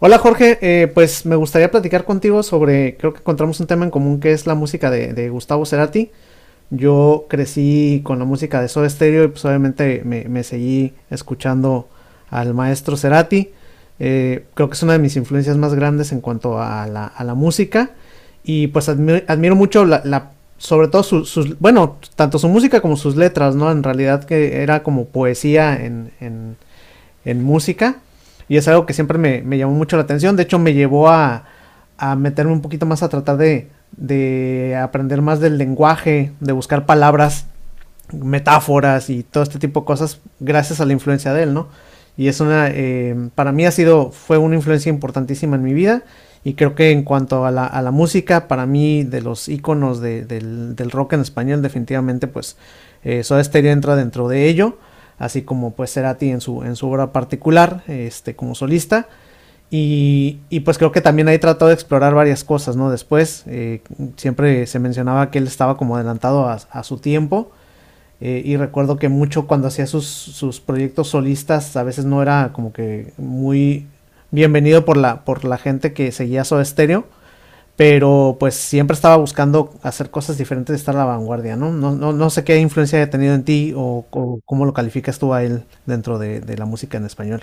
Hola Jorge, pues me gustaría platicar contigo sobre, creo que encontramos un tema en común que es la música de Gustavo Cerati. Yo crecí con la música de Soda Stereo y pues obviamente me seguí escuchando al maestro Cerati. Creo que es una de mis influencias más grandes en cuanto a la música y pues admiro mucho la sobre todo sus, bueno, tanto su música como sus letras, ¿no? En realidad que era como poesía en música. Y es algo que siempre me llamó mucho la atención. De hecho, me llevó a meterme un poquito más a tratar de aprender más del lenguaje, de buscar palabras, metáforas y todo este tipo de cosas gracias a la influencia de él, ¿no? Y es una, para mí ha sido, fue una influencia importantísima en mi vida y creo que en cuanto a la música, para mí de los íconos de, del rock en español, definitivamente pues Soda Stereo entra dentro de ello, así como pues Cerati en su obra particular, este, como solista. Y pues creo que también ahí trató de explorar varias cosas, ¿no? Después, siempre se mencionaba que él estaba como adelantado a su tiempo. Y recuerdo que mucho cuando hacía sus proyectos solistas a veces no era como que muy bienvenido por la gente que seguía Soda Stereo, pero pues siempre estaba buscando hacer cosas diferentes, estar a la vanguardia, ¿no? No sé qué influencia haya tenido en ti o cómo lo calificas tú a él dentro de la música en español.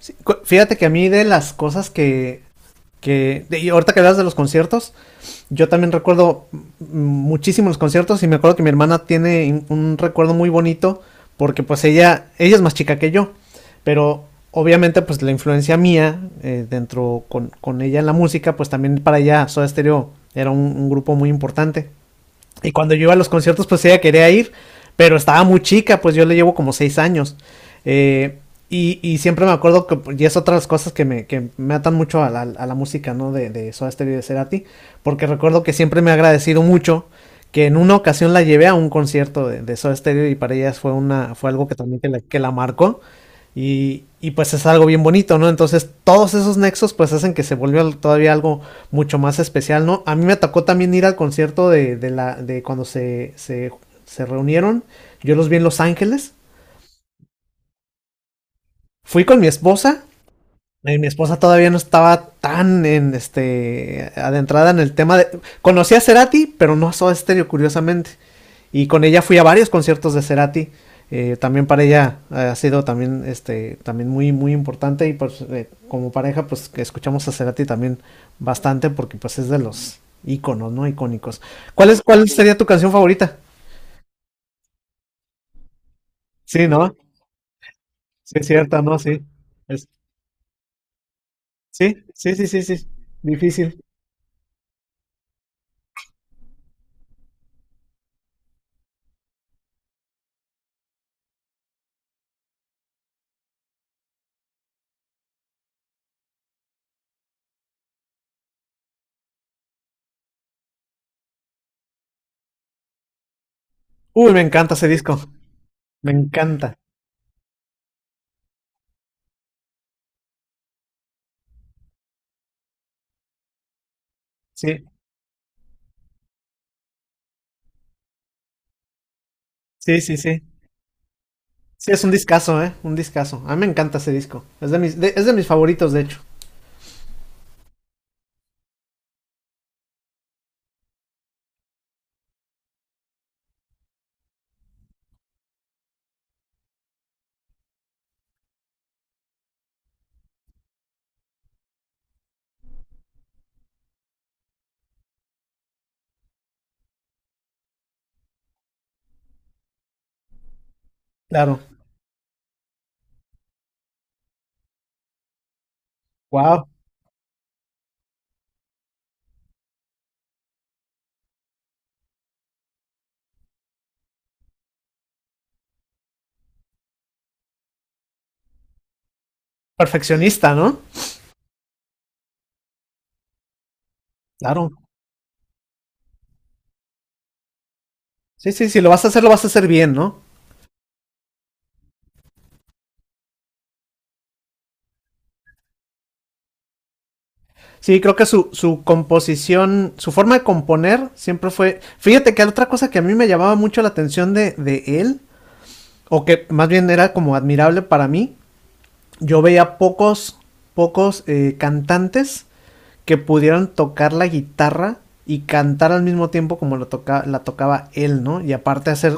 Sí. Fíjate que a mí de las cosas que y ahorita que hablas de los conciertos, yo también recuerdo muchísimo los conciertos y me acuerdo que mi hermana tiene un recuerdo muy bonito porque pues ella es más chica que yo, pero obviamente pues la influencia mía, dentro con ella en la música, pues también para ella Soda Stereo era un grupo muy importante. Y cuando yo iba a los conciertos, pues ella quería ir, pero estaba muy chica, pues yo le llevo como 6 años. Eh, Siempre me acuerdo que, pues, y es otra de las cosas que me atan mucho a la música, ¿no? De Soda Stereo y de Cerati, porque recuerdo que siempre me ha agradecido mucho que en una ocasión la llevé a un concierto de Soda Stereo y para ella fue, una, fue algo que también que la marcó. Y pues es algo bien bonito, ¿no? Entonces todos esos nexos pues hacen que se volvió todavía algo mucho más especial, ¿no? A mí me tocó también ir al concierto de la, de cuando se reunieron. Yo los vi en Los Ángeles. Fui con mi esposa. Mi esposa todavía no estaba tan en este adentrada en el tema de. Conocí a Cerati, pero no a Soda Stereo, curiosamente. Y con ella fui a varios conciertos de Cerati. También para ella ha sido también este también muy muy importante y pues como pareja pues escuchamos a Cerati también bastante porque pues es de los íconos, ¿no? Icónicos. ¿Cuál es cuál sería tu canción favorita? Sí, ¿no? Sí, es cierta, ¿no? Sí. Es- sí, sí, sí, sí, sí. Difícil. Uy, me encanta ese disco. Me encanta. Sí, sí, sí, sí. Sí, es un discazo, ¿eh? Un discazo. A mí me encanta ese disco. Es de mis, es de mis favoritos, de hecho. Claro. Wow. Perfeccionista, ¿no? Claro. Sí, sí, sí, lo vas a hacer, lo vas a hacer bien, ¿no? Sí, creo que su composición, su forma de componer siempre fue... Fíjate que otra cosa que a mí me llamaba mucho la atención de él, o que más bien era como admirable para mí, yo veía pocos cantantes que pudieran tocar la guitarra y cantar al mismo tiempo como lo la tocaba él, ¿no? Y aparte hacer...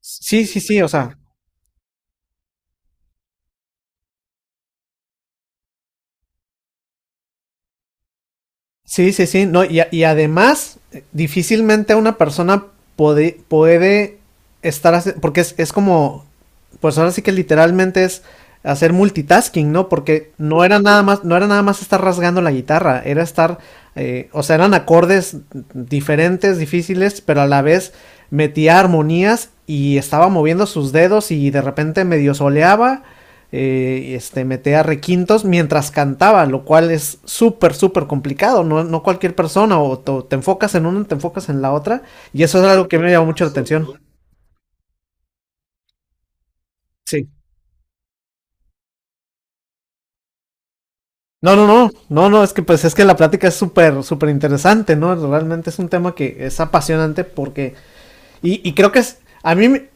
Sí, sí, sí, o sea. Sí, sí, sí, no, y, y además, difícilmente una persona puede estar, porque es como, pues ahora sí que literalmente es hacer multitasking, ¿no? Porque no era nada más, no era nada más estar rasgando la guitarra, era estar, o sea, eran acordes diferentes, difíciles, pero a la vez metía armonías y estaba moviendo sus dedos y de repente medio soleaba, metía requintos mientras cantaba, lo cual es súper, súper complicado. No, no cualquier persona, o te enfocas en una, te enfocas en la otra. Y eso es algo que me llamó mucho la atención. Sí. No, no, no, no, no, es que pues es que la plática es súper, súper interesante, ¿no? Realmente es un tema que es apasionante porque, y creo que es, a mí me,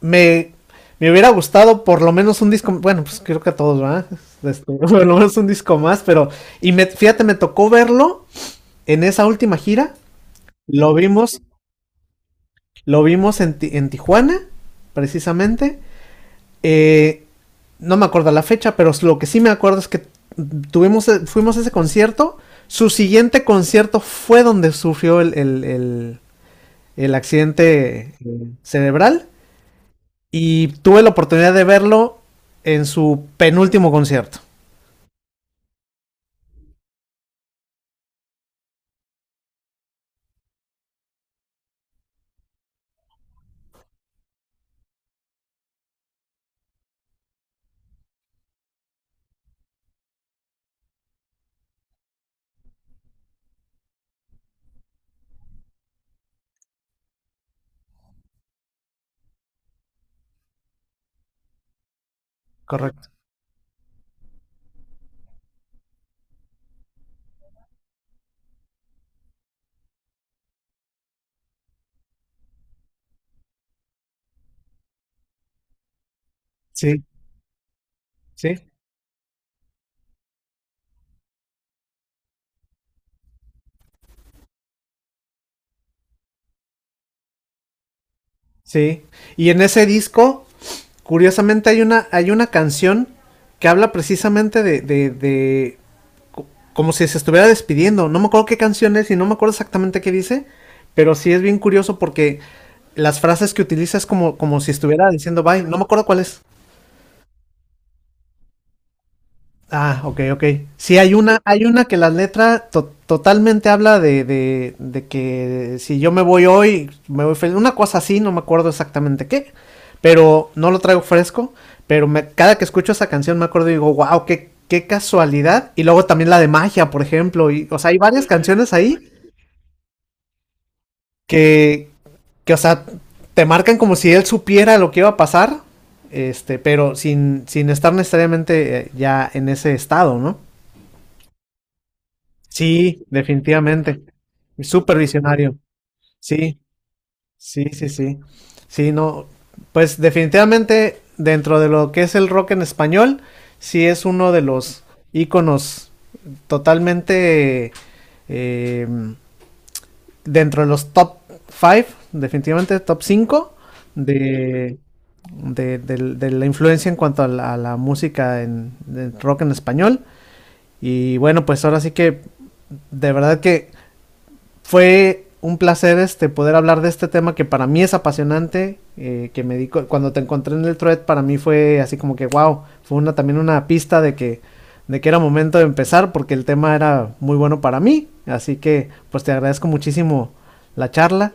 me, me, hubiera gustado por lo menos un disco, bueno, pues creo que a todos, ¿verdad? Este, por lo menos un disco más, pero, y me, fíjate, me tocó verlo en esa última gira. Lo vimos, lo vimos en, en Tijuana, precisamente. Eh, no me acuerdo la fecha, pero lo que sí me acuerdo es que tuvimos, e, fuimos a ese concierto. Su siguiente concierto fue donde sufrió el accidente cerebral. Y tuve la oportunidad de verlo en su penúltimo concierto. Correcto. Sí, sí, sí. Y en ese disco, curiosamente, hay una canción que habla precisamente de como si se estuviera despidiendo. No me acuerdo qué canción es y no me acuerdo exactamente qué dice, pero sí es bien curioso porque las frases que utiliza es como, como si estuviera diciendo bye. No me acuerdo cuál es. Ah, ok, ok. Sí, hay una que la letra totalmente habla de que si yo me voy hoy, me voy feliz. Una cosa así, no me acuerdo exactamente qué, pero no lo traigo fresco. Pero me, cada que escucho esa canción me acuerdo y digo, wow, qué, qué casualidad. Y luego también la de magia, por ejemplo. Y, o sea, hay varias canciones ahí que, que o sea, te marcan como si él supiera lo que iba a pasar, este, pero sin, sin estar necesariamente ya en ese estado, ¿no? Sí, definitivamente. Súper visionario. Sí, sí, sí, sí. Sí, no. Pues definitivamente dentro de lo que es el rock en español, sí es uno de los íconos totalmente, eh, dentro de los top 5, definitivamente top 5 de, de de la influencia en cuanto a la música en de rock en español. Y bueno, pues ahora sí que de verdad que fue un placer este, poder hablar de este tema que para mí es apasionante, que me di cuando te encontré en el thread, para mí fue así como que wow, fue una también una pista de que era momento de empezar porque el tema era muy bueno para mí, así que pues te agradezco muchísimo la charla.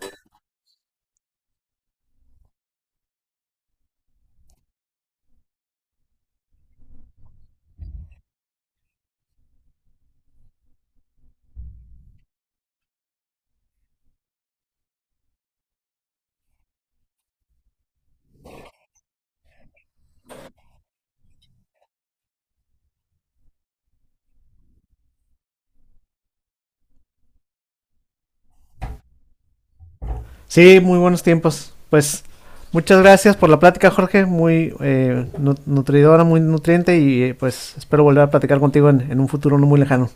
Sí, muy buenos tiempos. Pues muchas gracias por la plática, Jorge, muy nutridora, muy nutriente y pues espero volver a platicar contigo en un futuro no muy lejano.